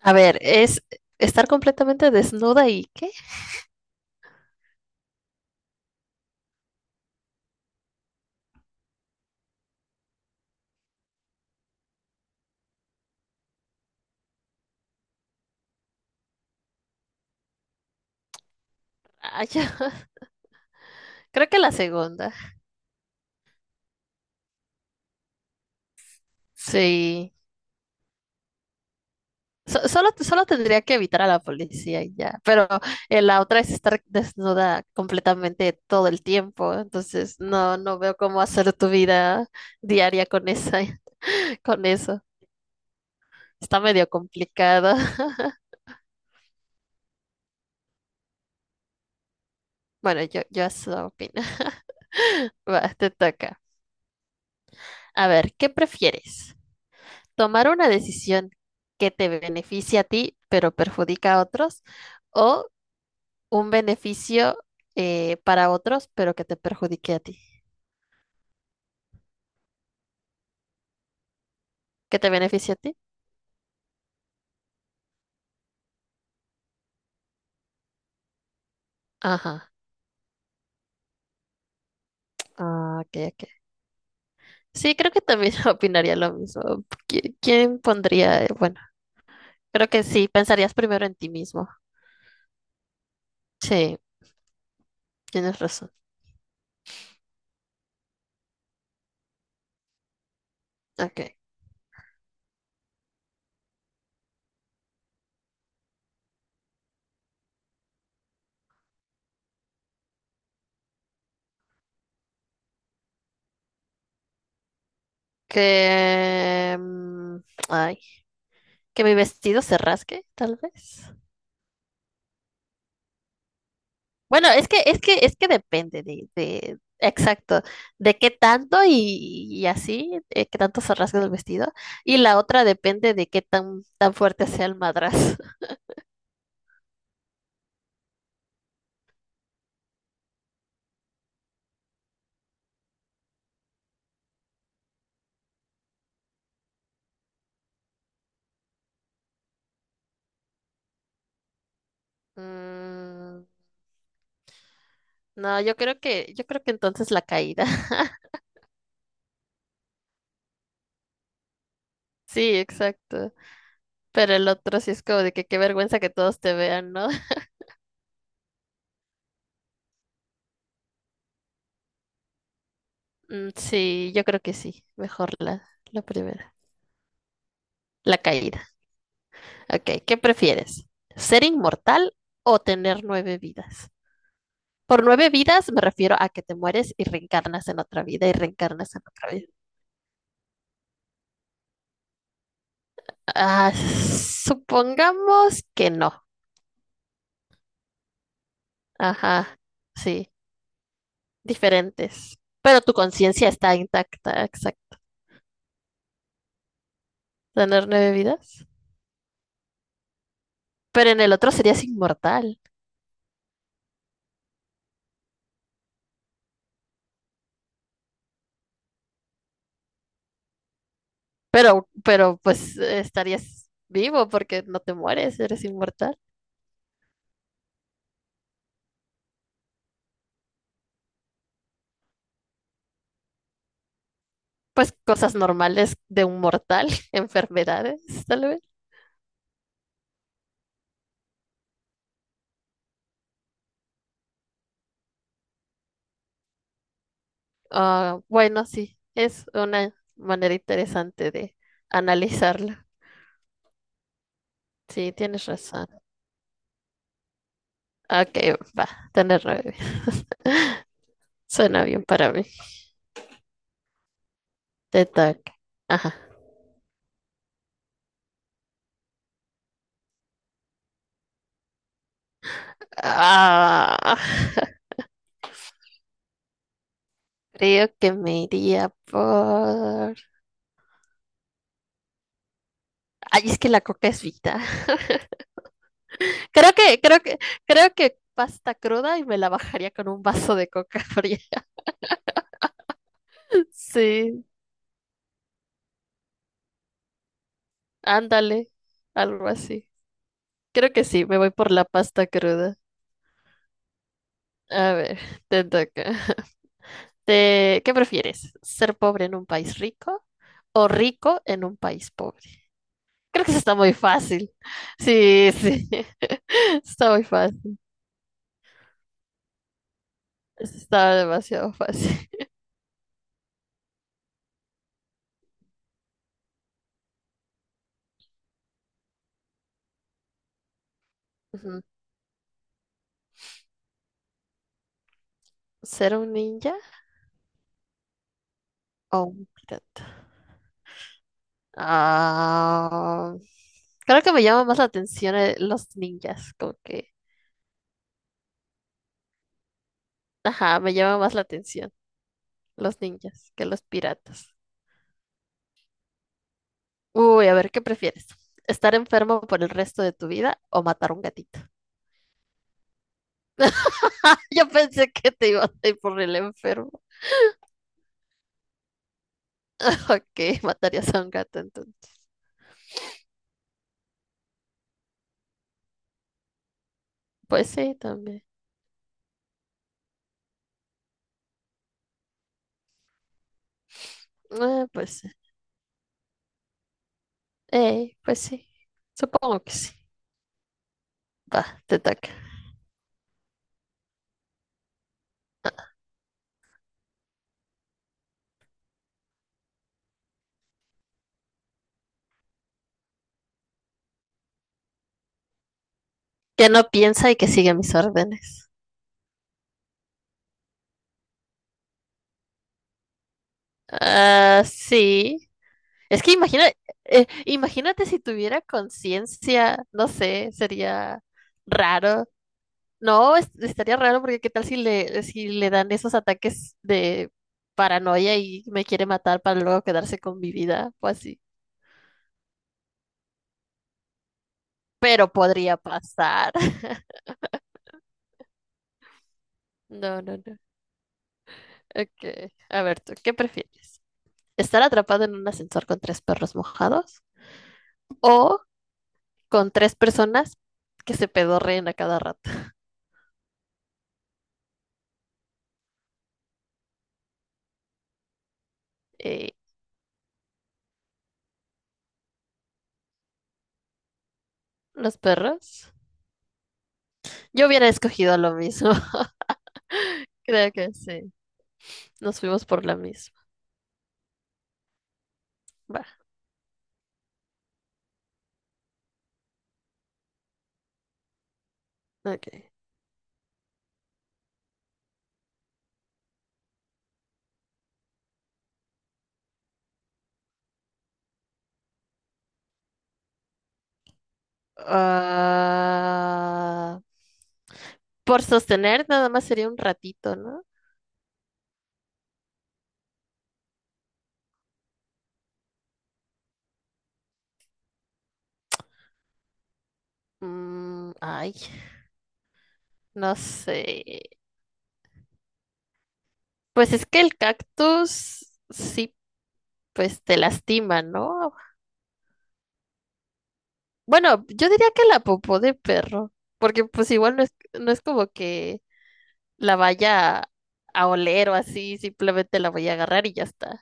A ver, es estar completamente desnuda y ¿qué? Ah, ya. Creo que la segunda. Sí. Solo tendría que evitar a la policía y ya. Pero la otra es estar desnuda completamente todo el tiempo. Entonces, no, no veo cómo hacer tu vida diaria con esa, con eso. Está medio complicado. Bueno, yo eso opino. Va, te toca. A ver, ¿qué prefieres? Tomar una decisión que te beneficie a ti, pero perjudica a otros, o un beneficio para otros, pero que te perjudique a ti, que te beneficie a ti. Ajá. Ah, ok, ok. Sí, creo que también opinaría lo mismo. ¿Quién pondría? Bueno, creo que sí, pensarías primero en ti mismo. Sí, tienes razón. Ok. Que, mm, Ay, que mi vestido se rasgue, tal vez. Bueno, es que depende de, exacto, de qué tanto y así, qué tanto se rasga el vestido. Y la otra depende de qué tan fuerte sea el madrazo. Mm, no, yo creo que entonces la caída. Sí, exacto. Pero el otro sí es como de que qué vergüenza que todos te vean, ¿no? Mm, sí, yo creo que sí. Mejor la primera. La caída. Ok, ¿qué prefieres? ¿Ser inmortal o tener nueve vidas? Por nueve vidas me refiero a que te mueres y reencarnas en otra vida y reencarnas en otra vida. Ah, supongamos que no. Ajá, sí, diferentes. Pero tu conciencia está intacta, exacto. Tener nueve vidas. Pero en el otro serías inmortal. Pero pues estarías vivo porque no te mueres, eres inmortal. Pues cosas normales de un mortal, enfermedades, tal vez. Ah, bueno, sí, es una manera interesante de analizarla. Sí, tienes razón. Ok, va, tener nueve. Suena bien para mí. Te toca. Ajá. Ah, creo que me iría por. Ay, es que la coca es vida. Creo que, creo que, creo que pasta cruda y me la bajaría con un vaso de coca fría. Sí, ándale, algo así. Creo que sí, me voy por la pasta cruda. A ver, te toca. ¿Qué prefieres? ¿Ser pobre en un país rico o rico en un país pobre? Creo que eso está muy fácil. Sí, sí, está muy fácil. Eso está demasiado fácil. Ujú. ¿Ser un ninja o un pirata? Ah, creo que me llama más la atención los ninjas, como que, ajá, me llama más la atención los ninjas que los piratas. Uy, a ver, ¿qué prefieres? ¿Estar enfermo por el resto de tu vida o matar un gatito? Yo pensé que te ibas a ir por el enfermo. Ok, matarías a un gato entonces. Pues sí, también. Ah, pues sí. Ey, pues sí. Supongo que sí. Va, te toca. Que no piensa y que sigue mis órdenes. Ah, sí. Es que imagina, imagínate si tuviera conciencia, no sé, sería raro. No, estaría raro porque qué tal si le, dan esos ataques de paranoia y me quiere matar para luego quedarse con mi vida o así. Pero podría pasar. No, no, no. Ok. A ver, tú, ¿qué prefieres? ¿Estar atrapado en un ascensor con tres perros mojados o con tres personas que se pedorreen a cada rato? Eh, los perros. Yo hubiera escogido lo mismo. Creo que sí. Nos fuimos por la misma. Va, ok. Ah, por sostener nada más sería un ratito, ¿no? Mm, ay, no sé. Pues es que el cactus sí, pues te lastima, ¿no? Bueno, yo diría que la popó de perro, porque pues igual no es, no es como que la vaya a oler o así, simplemente la voy a agarrar y ya está.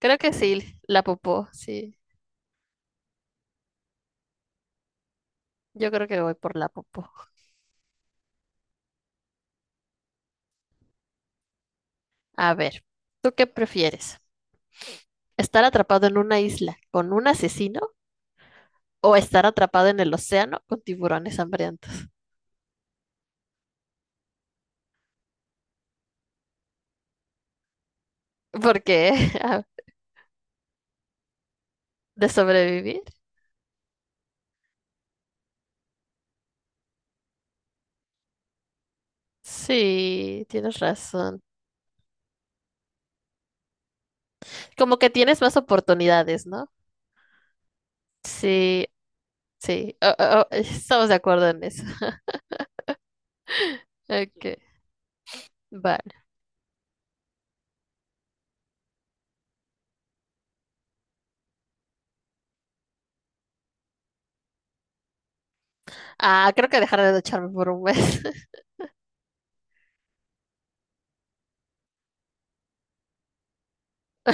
Creo que sí, la popó, sí. Yo creo que voy por la popó. A ver, ¿tú qué prefieres? ¿Estar atrapado en una isla con un asesino o estar atrapado en el océano con tiburones hambrientos? Porque de sobrevivir. Sí, tienes razón. Como que tienes más oportunidades, ¿no? Sí, sí. Oh, oh, oh, estamos de acuerdo en eso. Ok, vale. Ah, creo que dejaré de ducharme por un mes.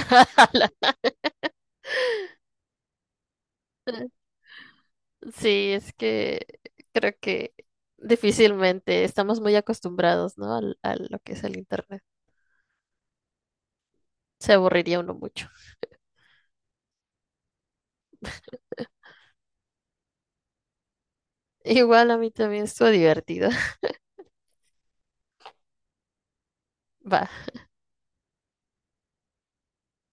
Ala. Sí, es que creo que difícilmente estamos muy acostumbrados, ¿no? A lo que es el internet. Se aburriría uno mucho. Igual a mí también estuvo divertido. Va.